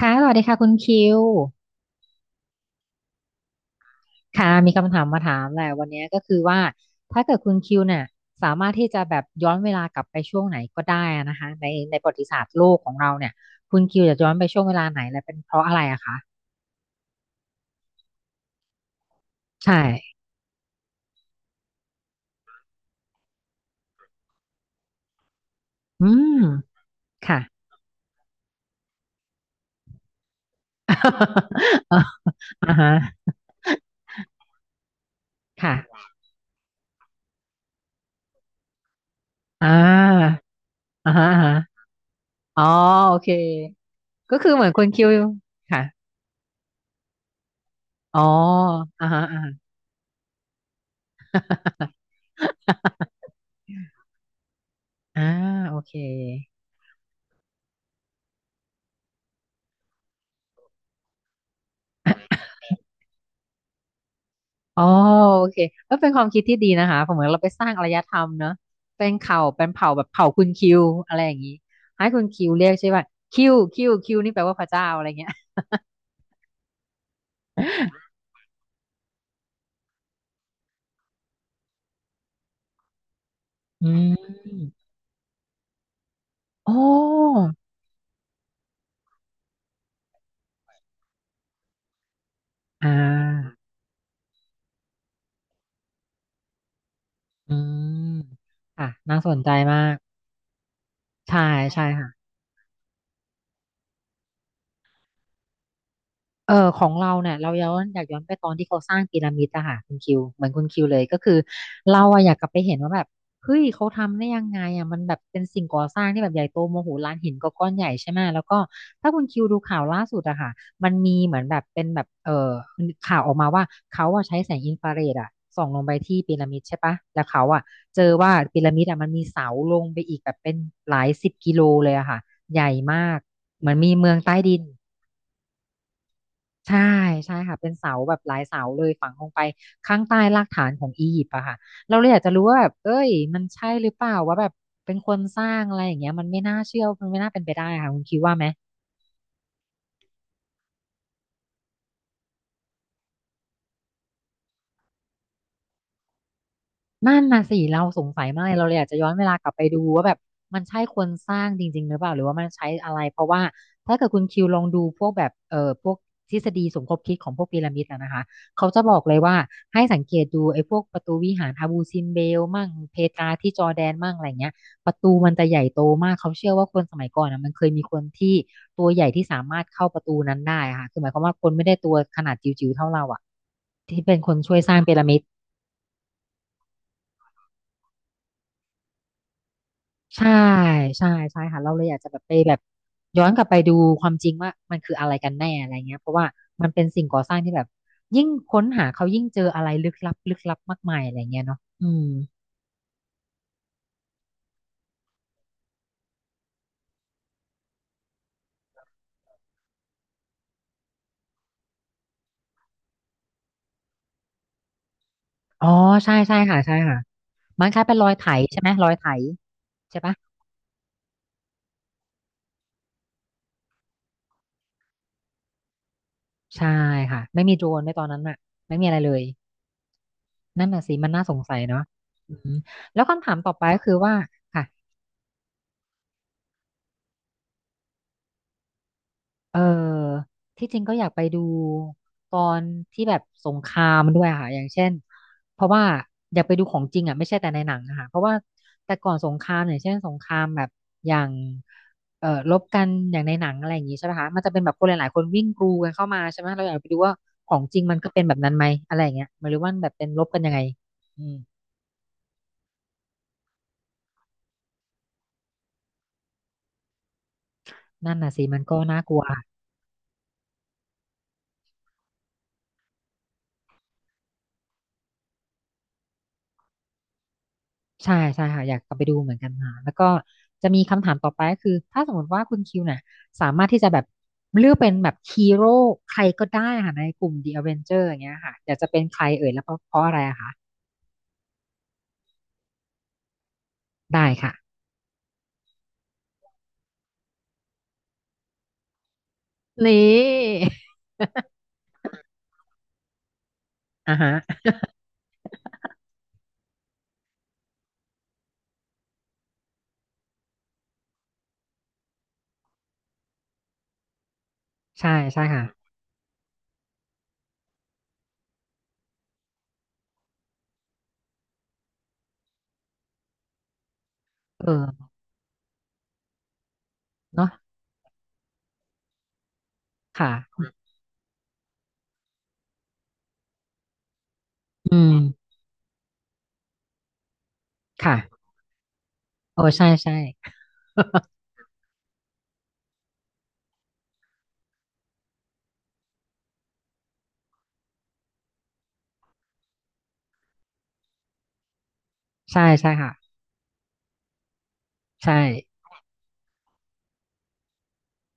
ค่ะสวัสดีค่ะคุณคิวค่ะ มีคำถามมาถามแหละวันนี้ก็คือว่า ถ้าเกิดคุณคิวเนี่ยสามารถที่จะแบบย้อนเวลากลับไปช่วงไหนก็ได้อะนะคะ ในประวัติศาสตร์โลกของเราเนี่ยคุณคิวจะย้อนไปช่วงเวลาไหนและเป็นเพราะอะไรอะคะใช่อืมค่ะ อ่าอฮะค่ะอ่าอ่าฮะอ่าฮะอ๋อโอเคก็คือเหมือนคุณคิวค่ะอ๋ออ่าฮะอ่าฮะ อ่าโอเค อ๋อโอเคเออเป็นความคิดที่ดีนะคะผมเหมือนเราไปสร้างอารยธรรมเนอะเป็นเผ่าแบบเผ่าคุณคิวอะไรอย่างนี้ให้คุณคิวเรียกใช่ป่ะคิวนี่แปลว่าพระเจ้าอะไรเงี้ยอืมโอ้อ่าอืมอ่ะน่าสนใจมากใช่ใช่ค่ะ เออของเราเนี่ยเราย้อนอยากย้อนไปตอนที่เขาสร้างพีระมิดอะค่ะคุณคิวเหมือนคุณคิวเลยก็คือเราอะอยากกลับไปเห็นว่าแบบเฮ้ยเขาทำได้ยังไงอะมันแบบเป็นสิ่งก่อสร้างที่แบบใหญ่โตโมโหลานหินก็ก้อนใหญ่ใช่ไหมแล้วก็ถ้าคุณคิวดูข่าวล่าสุดอะค่ะมันมีเหมือนแบบเป็นแบบข่าวออกมาว่าเขาอะใช้แสงอินฟราเรดอะส่องลงไปที่พีระมิดใช่ปะแล้วเขาอะเจอว่าพีระมิดอะมันมีเสาลงไปอีกแบบเป็นหลายสิบกิโลเลยอะค่ะใหญ่มากเหมือนมีเมืองใต้ดิน ใช่ใช่ค่ะเป็นเสาแบบหลายเสาเลยฝังลงไปข้างใต้รากฐานของอียิปต์อะค่ะเราเลยอยากจะรู้ว่าแบบเอ้ยมันใช่หรือเปล่าว่าแบบเป็นคนสร้างอะไรอย่างเงี้ยมันไม่น่าเชื่อมันไม่น่าเป็นไปได้ค่ะคุณคิดว่าไหม นั่นน่ะสิเราสงสัยมากเลยเราเลยอยากจะย้อนเวลากลับไปดูว่าแบบมันใช่คนสร้างจริงๆหรือเปล่าหรือว่ามันใช้อะไรเพราะว่าถ้าเกิดคุณคิวลองดูพวกแบบพวกทฤษฎีสมคบคิดของพวกพีระมิด้ะนะคะเขาจะบอกเลยว่าให้สังเกตดูไอ้พวกประตูวิหารอาบูซิมเบลมั่งเพตราที่จอร์แดนมั่งอะไรเงี้ยประตูมันจะใหญ่โตมากเขาเชื่อว่าคนสมัยก่อนอะมันเคยมีคนที่ตัวใหญ่ที่สามารถเข้าประตูนั้นได้อะค่ะคือหมายความว่าคนไม่ได้ตัวขนาดจิ๋วๆเท่าเราอะ ใช่ใช่ใช่ค่ะเราเลยอยากจะแบบไปแบบย้อนกลับไปดูความจริงว่ามันคืออะไรกันแน่อะไรเงี้ยเพราะว่ามันเป็นสิ่งก่อสร้างที่แบบยิ่งค้นหาเขายิ่งเจออะไรลึกลับลึกลับมากมายอะไรเงี้ยเนาะอืมอ๋อใช่ใช่ค่ะใช่ค่ะมันคล้ายเป็นรอยไถใช่ไหมรอยไถใช่ปะใช่ค่ะไม่มีโดรนในตอนนั้นอะไม่มีอะไรเลยนั่นน่ะสิมันน่าสงสัยเนาะอืมแล้วคำถามต่อไปก็คือว่าค่ะ เออที่จริงก็อยากไปดูตอนที่แบบสงครามด้วยอะค่ะอย่างเช่นเพราะว่าอยากไปดูของจริงอ่ะไม่ใช่แต่ในหนังอะค่ะเพราะว่าแต่ก่อนสงครามอย่างเช่นสงครามแบบอย่างรบกันอย่างในหนังอะไรอย่างงี้ใช่ไหมคะมันจะเป็นแบบคนหลายๆคนวิ่งกรูกันเข้ามาใช่ไหมเราอยากไปดูว่าของจริงมันก็เป็นแบบนั้นไหมอะไรอย่างเงี้ยหรือว่านแบบเป็นรบกันยังไงอืมนั่นน่ะสิมันก็น่ากลัว ใช่ใช่ค่ะอยากกลับไปดูเหมือนกันค่ะแล้วก็จะมีคำถามต่อไปก็คือถ้าสมมติว่าคุณคิวน่ะสามารถที่จะแบบเลือกเป็นแบบฮีโร่ใครก็ได้ค่ะในกลุ่ม The Avenger อย่างเงี้ยค่ะอยากจะเป็นใครเอ่ยแล้วเพราะอะไรอะคะได้ค่ะนี่อ่าฮะใช่ใช่ค่ะเออเนาะค่ะอืมค่ะโอ้ใช่ใช่ ใช่ใช่ค่ะใช่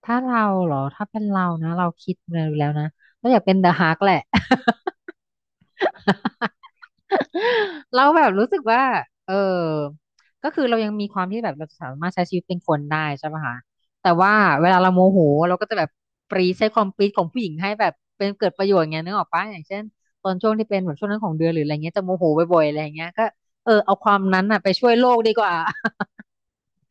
ถ้าเราเหรอถ้าเป็นเรานะเราคิดมาแล้วนะเราอยากเป็นเดอะฮาร์กแหละ เราแบบรู้สึกว่าเออก็คือเรายังมีความที่แบบเราสามารถใช้ชีวิตเป็นคนได้ใช่ปะคะแต่ว่าเวลาเราโมโหเราก็จะแบบปรีใช้ความปรีดของผู้หญิงให้แบบเป็นเกิดประโยชน์ไงนึกออกปะอย่างเช่นตอนช่วงที่เป็นแบบช่วงนั้นของเดือนหรืออะไรเงี้ยจะโมโหบ่อยๆอะไรอย่างเงี้ยก็เออเอาความนั้นอ่ะไปช่วยโลกดีกว่า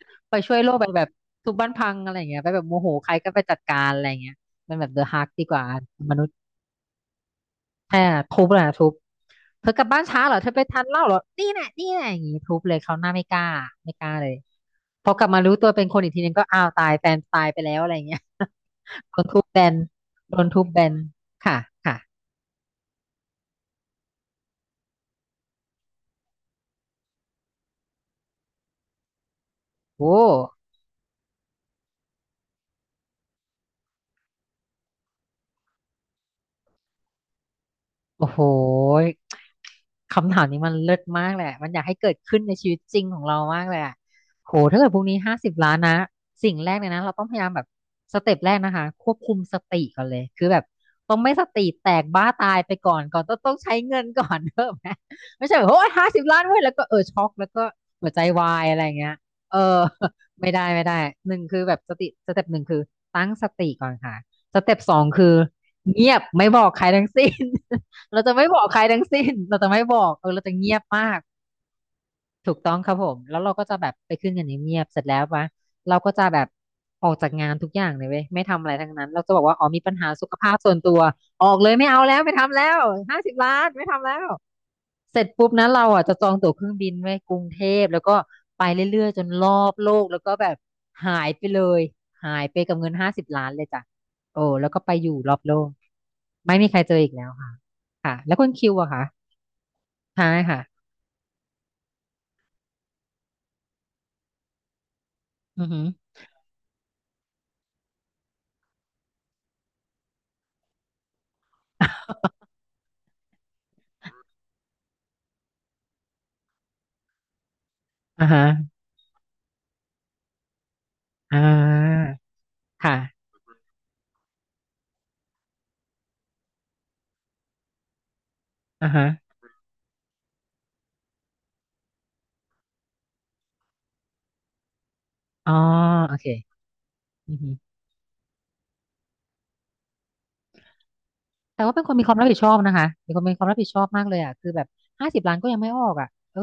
ไปช่วยโลกไปแบบทุบบ้านพังอะไรอย่างเงี้ยไปแบบโมโหใครก็ไปจัดการอะไรอย่างเงี้ยมันแบบเดอะฮาร์กดีกว่ามนุษย์แค่ทุบแหละทุบ เธอกลับบ้านช้าเหรอเธอไปทานเหล้าเหรอนี่แหละนี่แหละอย่างงี้ทุบเลยเขาวหน้าไม่กล้าไม่กล้าเลยพอกลับมารู้ตัวเป็นคนอีกทีนึงก็อ้าวตายแฟนตายไปแล้วอะไรอย่างเงี้ย โดนทุบแบนโดนทุบแบนค่ะค่ะโอ้โอ้โห คำถามนี้มันเลิศมากแหลยอะมันอยากให้เกิดขึ้นในชีวิตจริงของเรามากเลยอะโหถ้าเกิดพรุ่งนี้ห้าสิบล้านนะสิ่งแรกเลยนะเราต้องพยายามแบบสเต็ปแรกนะคะ ควบคุมสติก่อนเลยคือแบบต้องไม่สติแตกบ้าตายไปก่อนต้องใช้เงินก่อน เนอะไหมไม่ใช่แบบโอ้ยห้าสิบล้านเว้ย แล้วก็เออช็อกแล้วก็หัวใจวายอะไรอย่างเงี้ยเออ ไม่ได้ไม่ได้หนึ่งคือแบบสติสเต็ปหนึ่งคือตั้งสติก่อนค่ะสเต็ปสองคือเงียบไม่บอกใครทั้งสิ้น เราจะไม่บอกใครทั้งสิ้น เราจะไม่บอกเออเราจะเงียบมากถูกต้องครับผม แล้วเราก็จะแบบไปขึ้นกันเงียบๆเสร็จแล้วปะเราก็จะแบบออกจากงานทุกอย่างเลยเว้ยไม่ทำอะไรทั้งนั้น เราจะบอกว่าอ๋อมีปัญหาสุขภาพส่วนตัวออกเลยไม่เอาแล้วไม่ทำแล้วห้าสิบล้านไม่ทำแล้วเสร็จปุ๊บนะเราอ่ะจะจองตั๋วเครื่องบินไว้กรุงเทพแล้วก็ไปเรื่อยๆจนรอบโลกแล้วก็แบบหายไปเลยหายไปกับเงินห้าสิบล้านเลยจ้ะโอ้แล้วก็ไปอยู่รอบโลก ไม่มีใครเจออีกแล้วค่ะค่ะแล้วคุณคิวอะคะ ใช่ค่ะอือหืออ่าฮะอ่าค่ะอ่าฮะอ๋อโอเคอือฮึแต่ว่าเป็นคนมีความรับผิดชอบนะคะเป็นคนมีความรับผิดชอบมากเลยอ่ะคือแบบห้าสิบล้านก็ยังไม่ออกอ่ะเออ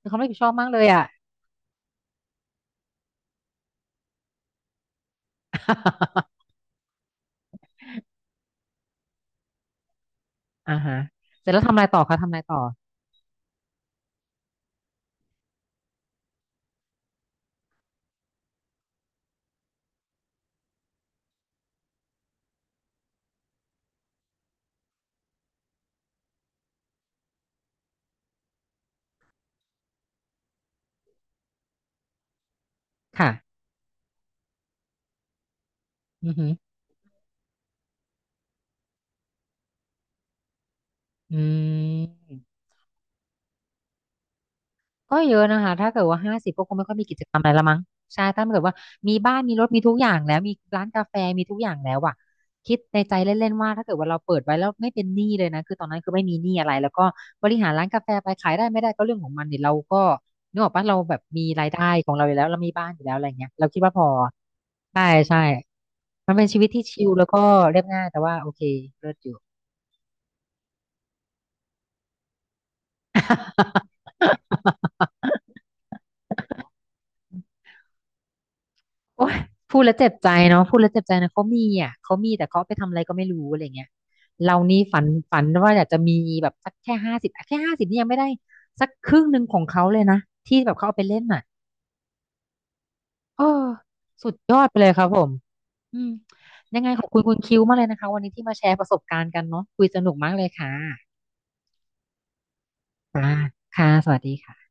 เป็นความรับผิดชอบมากเลยอ่ะ อ่าฮะเสร็จแล้วทำอะไรต่อคะทำอะไรต่อค่ะอือหืออืม ก็เยอะนะคะถ้าเกิดว่าห้าสิบก็คงไม่ค่อยมีกิจกรรมอะไรละมั้งใช่ถ้าเกิดว่ามีบ้านมีรถมีทุกอย่างแล้วมีร้านกาแฟมีทุกอย่างแล้วอะคิดในใจเล่นๆว่าถ้าเกิดว่าเราเปิดไว้แล้วไม่เป็นหนี้เลยนะคือตอนนั้นคือไม่มีหนี้อะไรแล้วก็บริหารร้านกาแฟไปขายได้ไม่ได้ก็เรื่องของมันเนี่ยเราก็นึกออกปะเราแบบมีรายได้ของเราอยู่แล้วเรามีบ้านอยู่แล้วอะไรเงี้ยเราคิดว่าพอใช่ใช่มันเป็นชีวิตที่ชิลแล้วก็เรียบง่ายแต่ว่าโอเคเลิศอยู่ โอ้ยพูดแล้วเจ็บใจเนาะพูดแล้วเจ็บใจนะเขามีอ่ะเขามีแต่เขาเอาไปทำอะไรก็ไม่รู้อะไรเงี้ยเรานี่ฝันว่าอยากจะมีแบบสักแค่ห้าสิบแค่ห้าสิบนี่ยังไม่ได้สักครึ่งหนึ่งของเขาเลยนะที่แบบเขาเอาไปเล่นน่ะเออสุดยอดไปเลยครับผมอืมยังไงขอบคุณคุณคิวมากเลยนะคะวันนี้ที่มาแชร์ประสบการณ์กันเนาะคุยสนุกมากเลยค่ะค่ะค่ะสวัสดีค่ะ